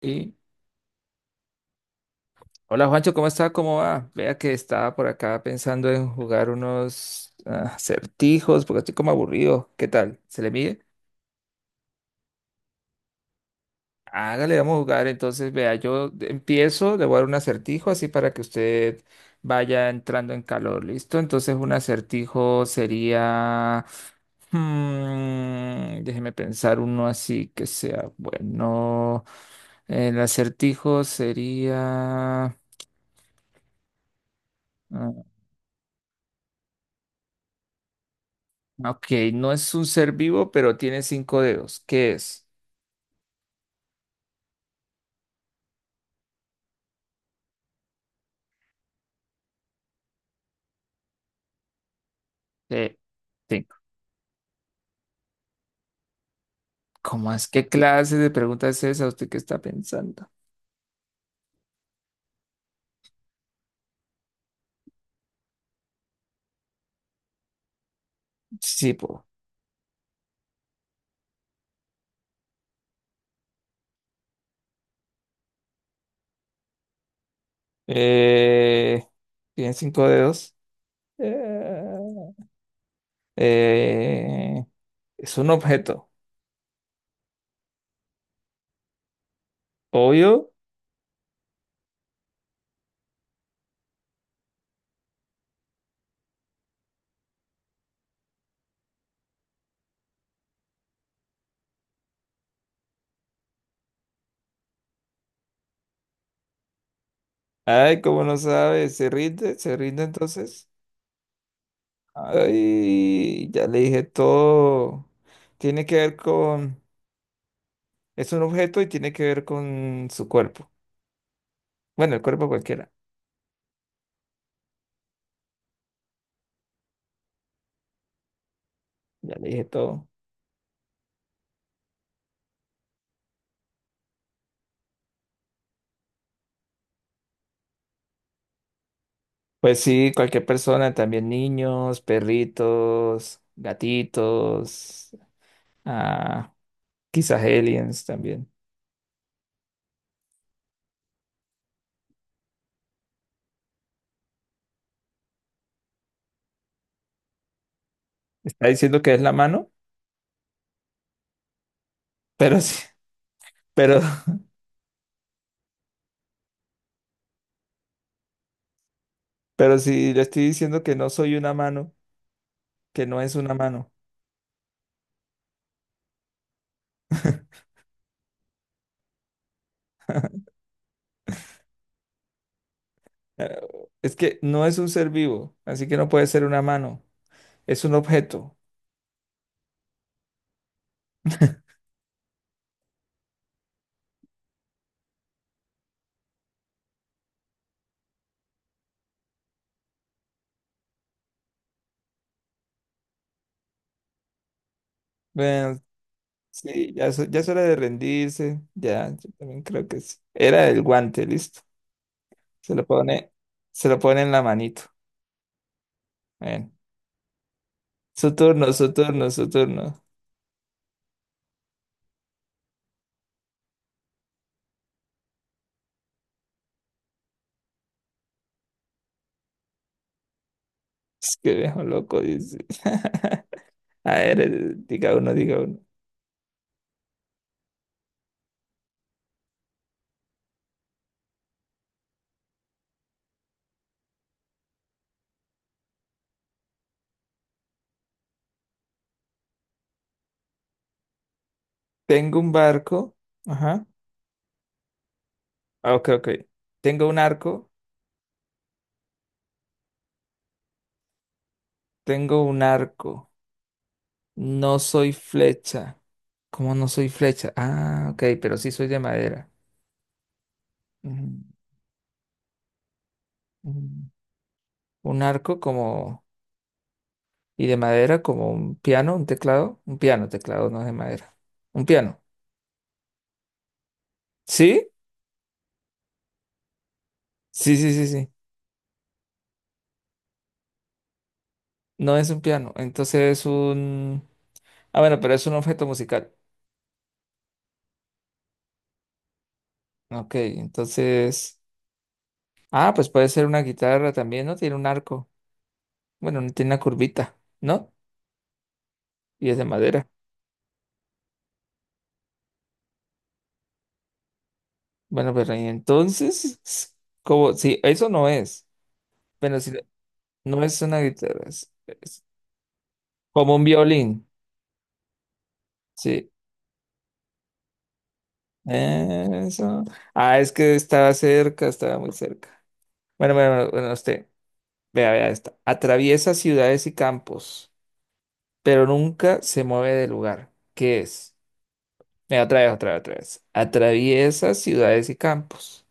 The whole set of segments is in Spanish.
Y hola, Juancho, ¿cómo está? ¿Cómo va? Vea que estaba por acá pensando en jugar unos acertijos porque estoy como aburrido. ¿Qué tal? ¿Se le mide? Hágale, vamos a jugar. Entonces, vea, yo empiezo, le voy a dar un acertijo así para que usted vaya entrando en calor, ¿listo? Entonces, un acertijo sería... déjeme pensar uno así que sea bueno. El acertijo sería... ah, Ok, no es un ser vivo, pero tiene cinco dedos. ¿Qué es? Eh, Cinco. ¿Cómo es? ¿Qué clase de pregunta es esa? ¿Usted qué está pensando? Sí, po. Eh, Tiene cinco dedos. Eh, eh, es un objeto. Obvio. Ay, ¿cómo no sabe? ¿Se rinde? ¿Se rinde entonces? Ay, ya le dije todo. Tiene que ver con... Es un objeto y tiene que ver con su cuerpo. Bueno, el cuerpo cualquiera. Ya le dije todo. Pues sí, cualquier persona, también niños, perritos, gatitos, ah, quizás aliens también. Está diciendo que es la mano, pero sí, pero, pero sí le estoy diciendo que no soy una mano, que no es una mano. Eh, Es que no es un ser vivo, así que no puede ser una mano. Es un objeto. Bueno, sí, ya, ya es hora de rendirse. Ya, yo también creo que sí. Era el guante, listo. Se lo pone, se lo pone en la manito. Ven. Su turno, su turno, su turno. Es que viejo loco, dice. A ver, diga uno, diga uno. Tengo un barco. Ajá. Ah, Ok, ok. Tengo un arco. Tengo un arco. No soy flecha. ¿Cómo no soy flecha? Ah, ok, pero sí soy de madera. Ujú, ujú. Un arco como... Y de madera como un piano, un teclado. Un piano, teclado no es de madera. Un piano. ¿Sí? Sí, sí, sí, sí. No es un piano, entonces es un... Ah, bueno, pero es un objeto musical. Ok, entonces... Ah, pues puede ser una guitarra también, ¿no? Tiene un arco. Bueno, no tiene una curvita, ¿no? Y es de madera. Bueno, pero y entonces... Como... Sí, eso no es. Bueno, si no es una guitarra, es como un violín. Sí. Eso. Ah, es que estaba cerca, estaba muy cerca. Bueno, bueno, bueno, bueno, usted. Vea, vea esta. Atraviesa ciudades y campos, pero nunca se mueve del lugar. ¿Qué es? Mira, otra vez, otra vez, otra vez. Atraviesa ciudades y campos,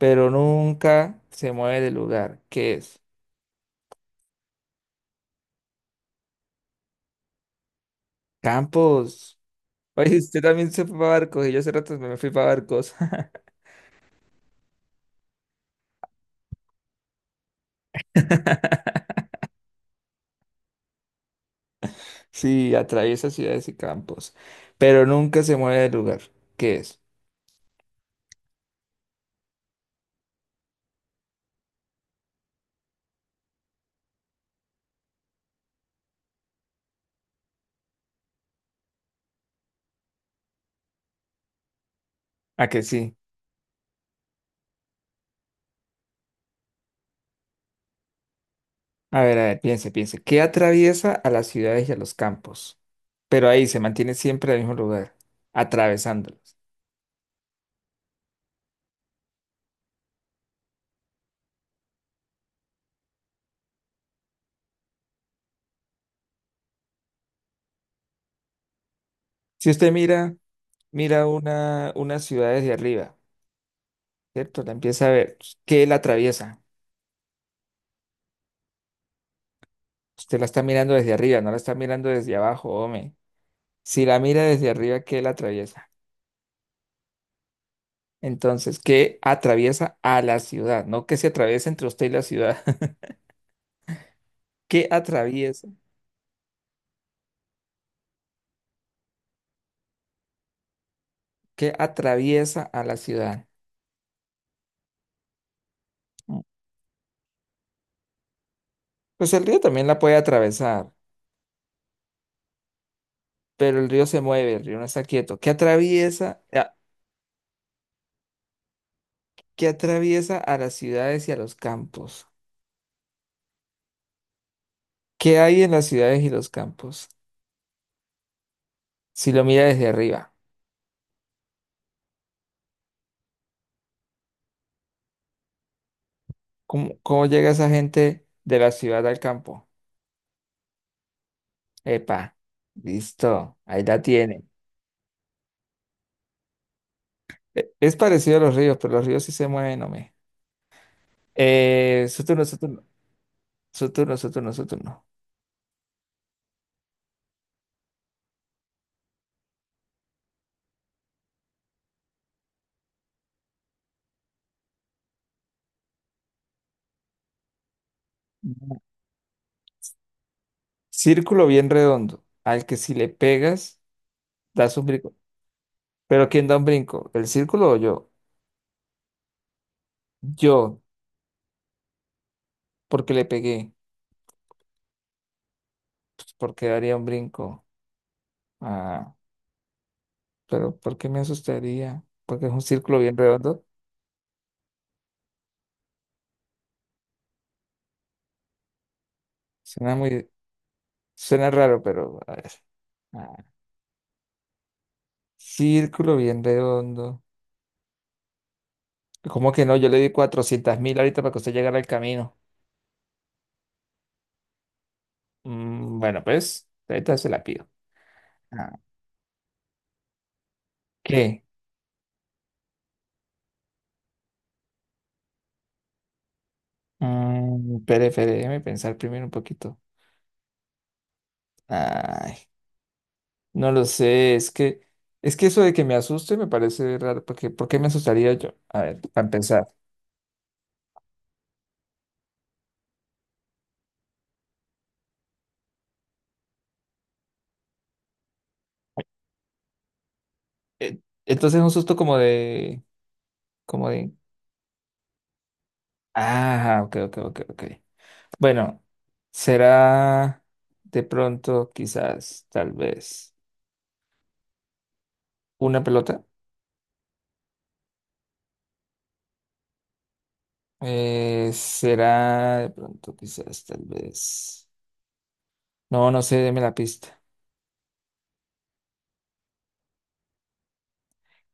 pero nunca se mueve del lugar. ¿Qué es? Campos. Oye, usted también se fue para barcos y yo hace rato me fui para barcos. Sí, atraviesa ciudades y campos, pero nunca se mueve del lugar. ¿Qué es? ¿A que sí? A ver, piense, piense. ¿Qué atraviesa a las ciudades y a los campos? Pero ahí se mantiene siempre en el mismo lugar, atravesándolos. Si usted mira... mira una ciudad desde arriba, ¿cierto? La empieza a ver. Pues, ¿qué la atraviesa? Usted la está mirando desde arriba, no la está mirando desde abajo, hombre. Si la mira desde arriba, ¿qué la atraviesa? Entonces, ¿qué atraviesa a la ciudad? No que se atraviesa entre usted y la ciudad. ¿Qué atraviesa? ¿Qué atraviesa a la ciudad? Mm. Pues el río también la puede atravesar, pero el río se mueve, el río no está quieto. ¿Qué atraviesa? ¿Qué atraviesa a las ciudades y a los campos? ¿Qué hay en las ciudades y los campos? Si lo mira desde arriba, ¿cómo, cómo llega esa gente de la ciudad al campo? Epa, listo, ahí la tiene. E- Es parecido a los ríos, pero los ríos sí se mueven, hombre. Su turno, su turno, su turno, su turno, su turno. Círculo bien redondo, al que si le pegas, das un brinco. Pero ¿quién da un brinco? ¿El círculo o yo? Yo, porque le pegué, pues porque daría un brinco. Ah, pero ¿por qué me asustaría? Porque es un círculo bien redondo. Suena muy, Suena raro, pero a ver. Ah, círculo bien redondo. ¿Cómo que no? Yo le di 400.000 ahorita para que usted llegara al camino. Mm, bueno, pues, ahorita se la pido. Ah, ¿Qué? Espere, espere, déjeme pensar primero un poquito. Ay, no lo sé, es que eso de que me asuste me parece raro, porque ¿por qué me asustaría yo? A ver, para empezar. Eh, entonces es un susto como de, ok, ok, ok, ok. Bueno, será de pronto, quizás, tal vez, una pelota. Será de pronto, quizás, tal vez. No, no sé, deme la pista.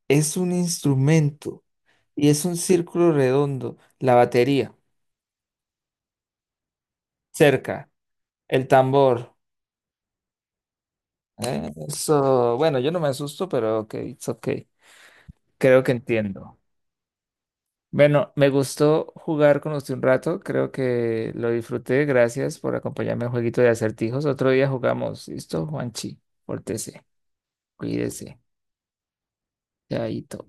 Es un instrumento y es un círculo redondo. La batería, cerca, el tambor. Eso, bueno, yo no me asusto, pero ok, it's ok. Creo que entiendo. Bueno, me gustó jugar con usted un rato, creo que lo disfruté. Gracias por acompañarme al jueguito de acertijos. Otro día jugamos. ¿Listo, Juanchi? Pórtese, cuídese, chaito.